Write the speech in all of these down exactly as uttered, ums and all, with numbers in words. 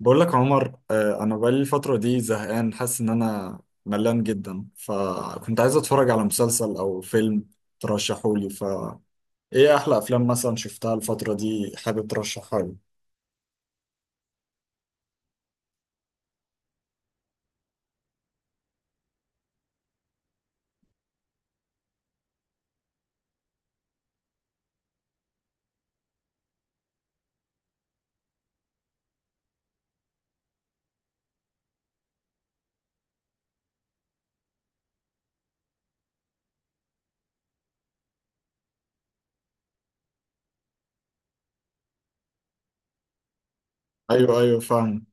بقول لك عمر آه، انا بقالي الفتره دي زهقان، حاسس ان انا ملان جدا، فكنت عايز اتفرج على مسلسل او فيلم ترشحولي ف ايه احلى افلام مثلا شفتها الفتره دي حابب ترشحها لي؟ ايوه ايوه فاهم.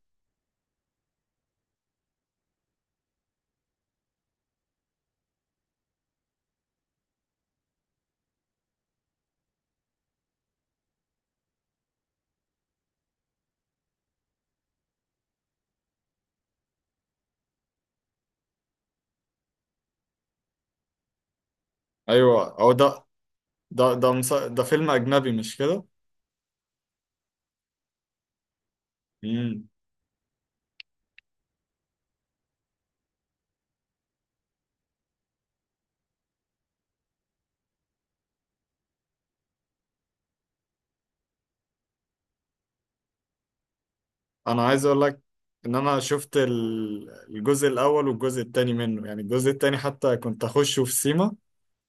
ايوه او ده ده ده مس... ده فيلم اجنبي مش كده؟ امم. انا عايز اقول لك ان انا شفت ال- الجزء الاول والجزء التاني منه، يعني الجزء التاني حتى كنت اخشه في سيما،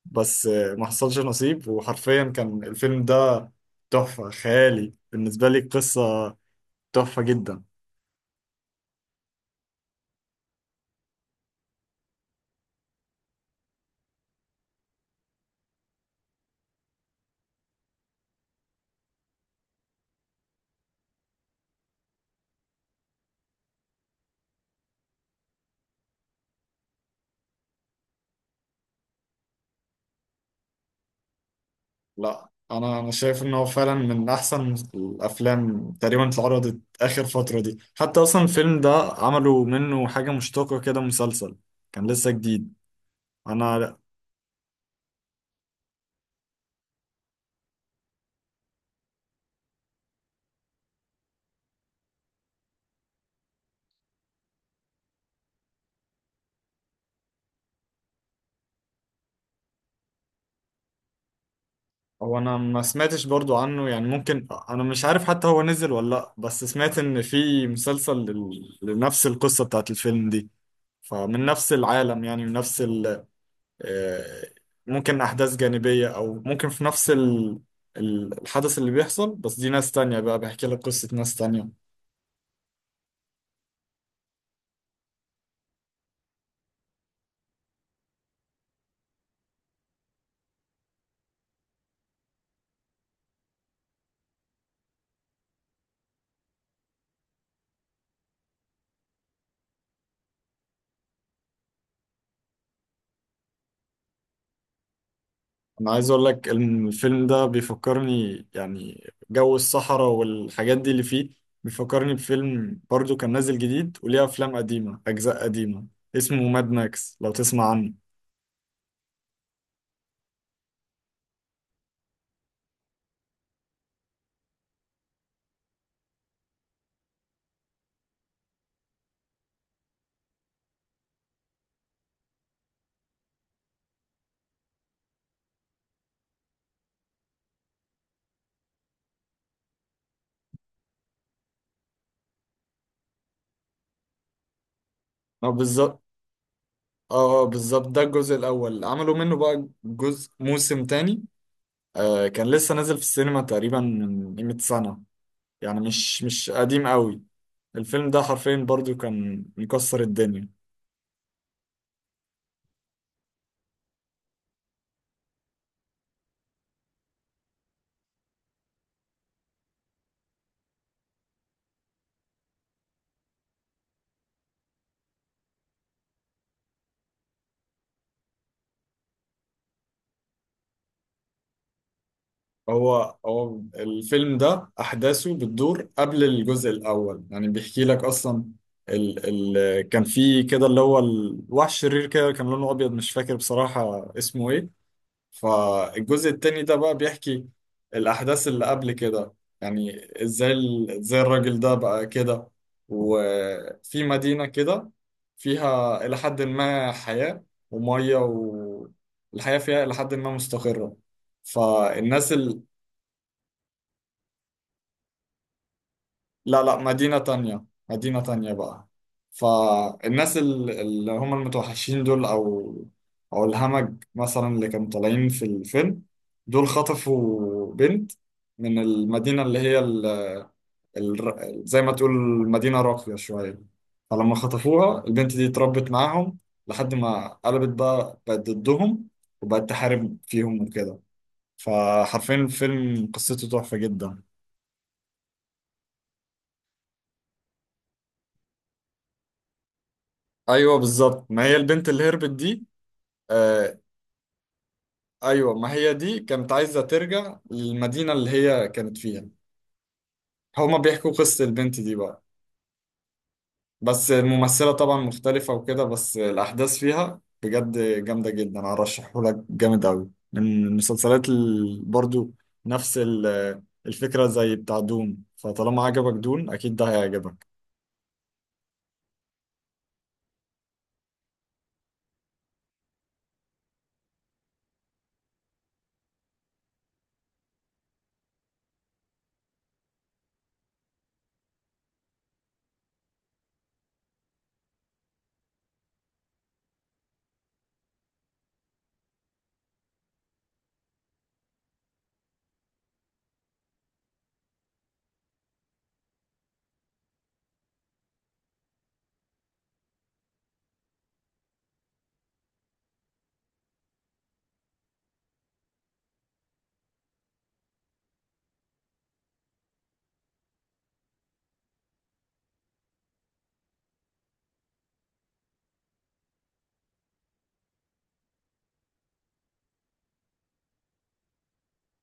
بس آه، ما حصلش نصيب. وحرفيا كان الفيلم ده تحفة خيالي، بالنسبة لي قصة تحفة جدا. لا أنا أنا شايف إن هو فعلا من أحسن الأفلام تقريبا اللي اتعرضت آخر فترة دي، حتى أصلا الفيلم ده عملوا منه حاجة مشتقة كده، مسلسل كان لسه جديد. أنا هو أنا ما سمعتش برضو عنه، يعني ممكن أنا مش عارف حتى هو نزل ولا لأ، بس سمعت إن في مسلسل لل- لنفس القصة بتاعت الفيلم دي، فمن نفس العالم، يعني من نفس آه، ممكن أحداث جانبية، أو ممكن في نفس ال- ال- الحدث اللي بيحصل، بس دي ناس تانية بقى، بحكي لك قصة ناس تانية. أنا عايز أقول لك الم- الفيلم ده بيفكرني يعني جو الصحراء والحاجات دي اللي فيه، بيفكرني بفيلم برضو كان نازل جديد، وليه أفلام قديمة، أجزاء قديمة، اسمه ماد ماكس، لو تسمع عنه. اه بالظبط. اه، آه، بالظبط، ده الجزء الأول عملوا منه بقى جزء موسم تاني. آه كان لسه نازل في السينما تقريبا من قيمة سنة، يعني مش مش قديم قوي. الفيلم ده حرفيا برضو كان مكسر الدنيا. هو هو الفيلم ده أحداثه بتدور قبل الجزء الأول، يعني بيحكي لك أصلا ال ال كان في كده اللي هو الوحش الشرير كده، كان لونه أبيض، مش فاكر بصراحة اسمه إيه. فالجزء التاني ده بقى بيحكي الأحداث اللي قبل كده، يعني ازاي ال- ازاي الراجل ده بقى كده، وفي مدينة كده فيها إلى حد ما حياة ومية، والحياة فيها إلى حد ما مستقرة، فالناس. لا لا مدينة تانية، مدينة تانية بقى. فالناس ال- اللي هم المتوحشين دول، أو أو الهمج مثلا، اللي كانوا طالعين في الفيلم دول، خطفوا بنت من المدينة اللي هي ال ال زي ما تقول مدينة راقية شوية. فلما خطفوها البنت دي اتربت معاهم، لحد ما قلبت بقى، بقت ضدهم وبقت تحارب فيهم وكده. فحرفيا الفيلم قصته تحفة جدا. ايوه بالظبط، ما هي البنت اللي هربت دي. آه ايوه، ما هي دي كانت عايزه ترجع للمدينه اللي هي كانت فيها. هما بيحكوا قصه البنت دي بقى. بس الممثله طبعا مختلفه وكده، بس الاحداث فيها بجد جامده جدا، ارشحه لك جامد قوي. من المسلسلات ال- برضو نفس ال- الفكره زي بتاع دون، فطالما عجبك دون اكيد ده هيعجبك.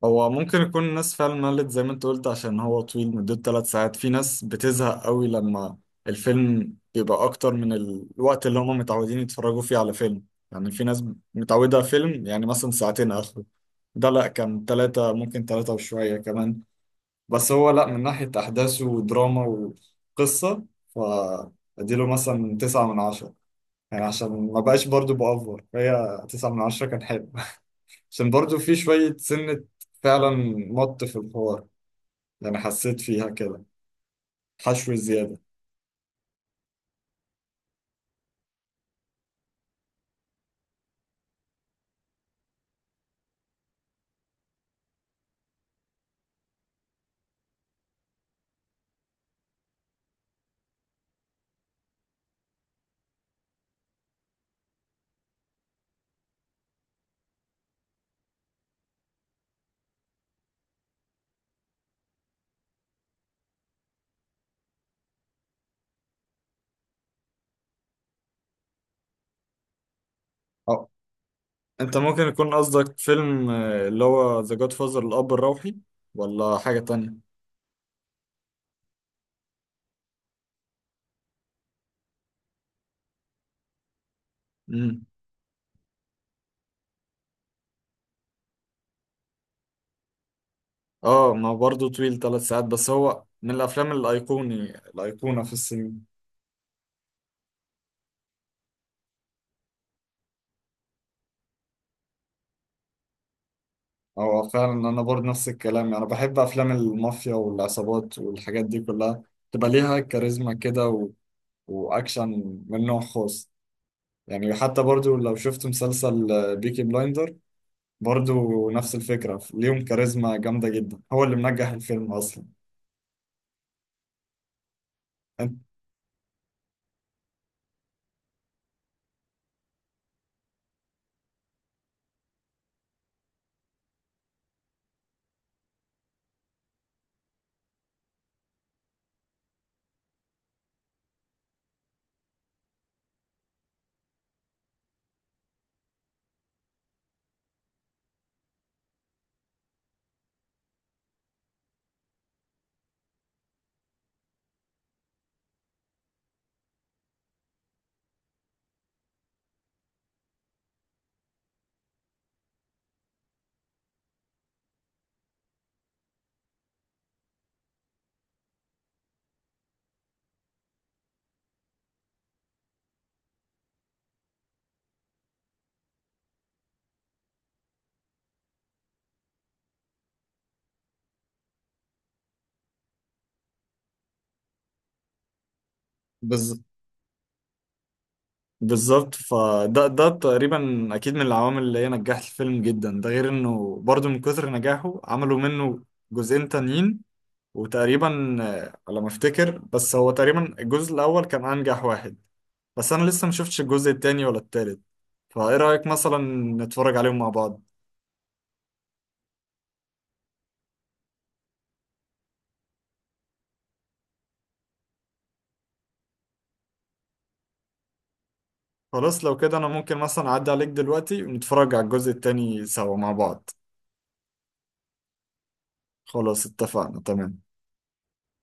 هو ممكن يكون الناس فعلا ملت زي ما انت قلت، عشان هو طويل مدته ثلاث ساعات، في ناس بتزهق قوي لما الفيلم بيبقى اكتر من ال- الوقت اللي هم متعودين يتفرجوا فيه على فيلم، يعني في ناس متعودة فيلم يعني مثلا ساعتين اخره. ده لا، كان ثلاثة، ممكن ثلاثة وشوية كمان. بس هو لا، من ناحية احداثه ودراما وقصة فاديله مثلا تسعة من عشرة، يعني عشان ما بقاش برضو بأفور، فهي تسعة من عشرة كان حلو. عشان برضو في شوية سنة فعلا، مط في الحوار يعني، حسيت فيها كده حشو زيادة. اه، انت ممكن يكون قصدك فيلم آه، اللي هو ذا جاد فازر، الأب الروحي، ولا حاجة تانية؟ امم. اه، ما هو برضو طويل، ثلاث ساعات، بس هو من الأفلام الأيقوني الأيقونة في السينما. هو فعلا أنا برضو نفس الكلام، أنا بحب أفلام المافيا والعصابات والحاجات دي كلها، تبقى ليها كاريزما كده، و... وأكشن من نوع خاص. يعني حتى برضو لو شفت مسلسل بيكي بلايندر، برضو نفس الفكرة، ليهم كاريزما جامدة جدا، هو اللي منجح الفيلم أصلا. أنت- بز... بالظبط، فده ده تقريبا أكيد من العوامل اللي هي نجحت الفيلم جدا، ده غير إنه برضو من كثر نجاحه عملوا منه جزئين تانيين. وتقريبا آه، على ما أفتكر، بس هو تقريبا الجزء الأول كان أنجح واحد. بس أنا لسه ما شفتش الجزء التاني ولا التالت، فإيه رأيك مثلا نتفرج عليهم مع بعض؟ خلاص لو كده انا ممكن مثلا اعدي عليك دلوقتي ونتفرج على الجزء التاني سوا مع بعض. خلاص اتفقنا، تمام.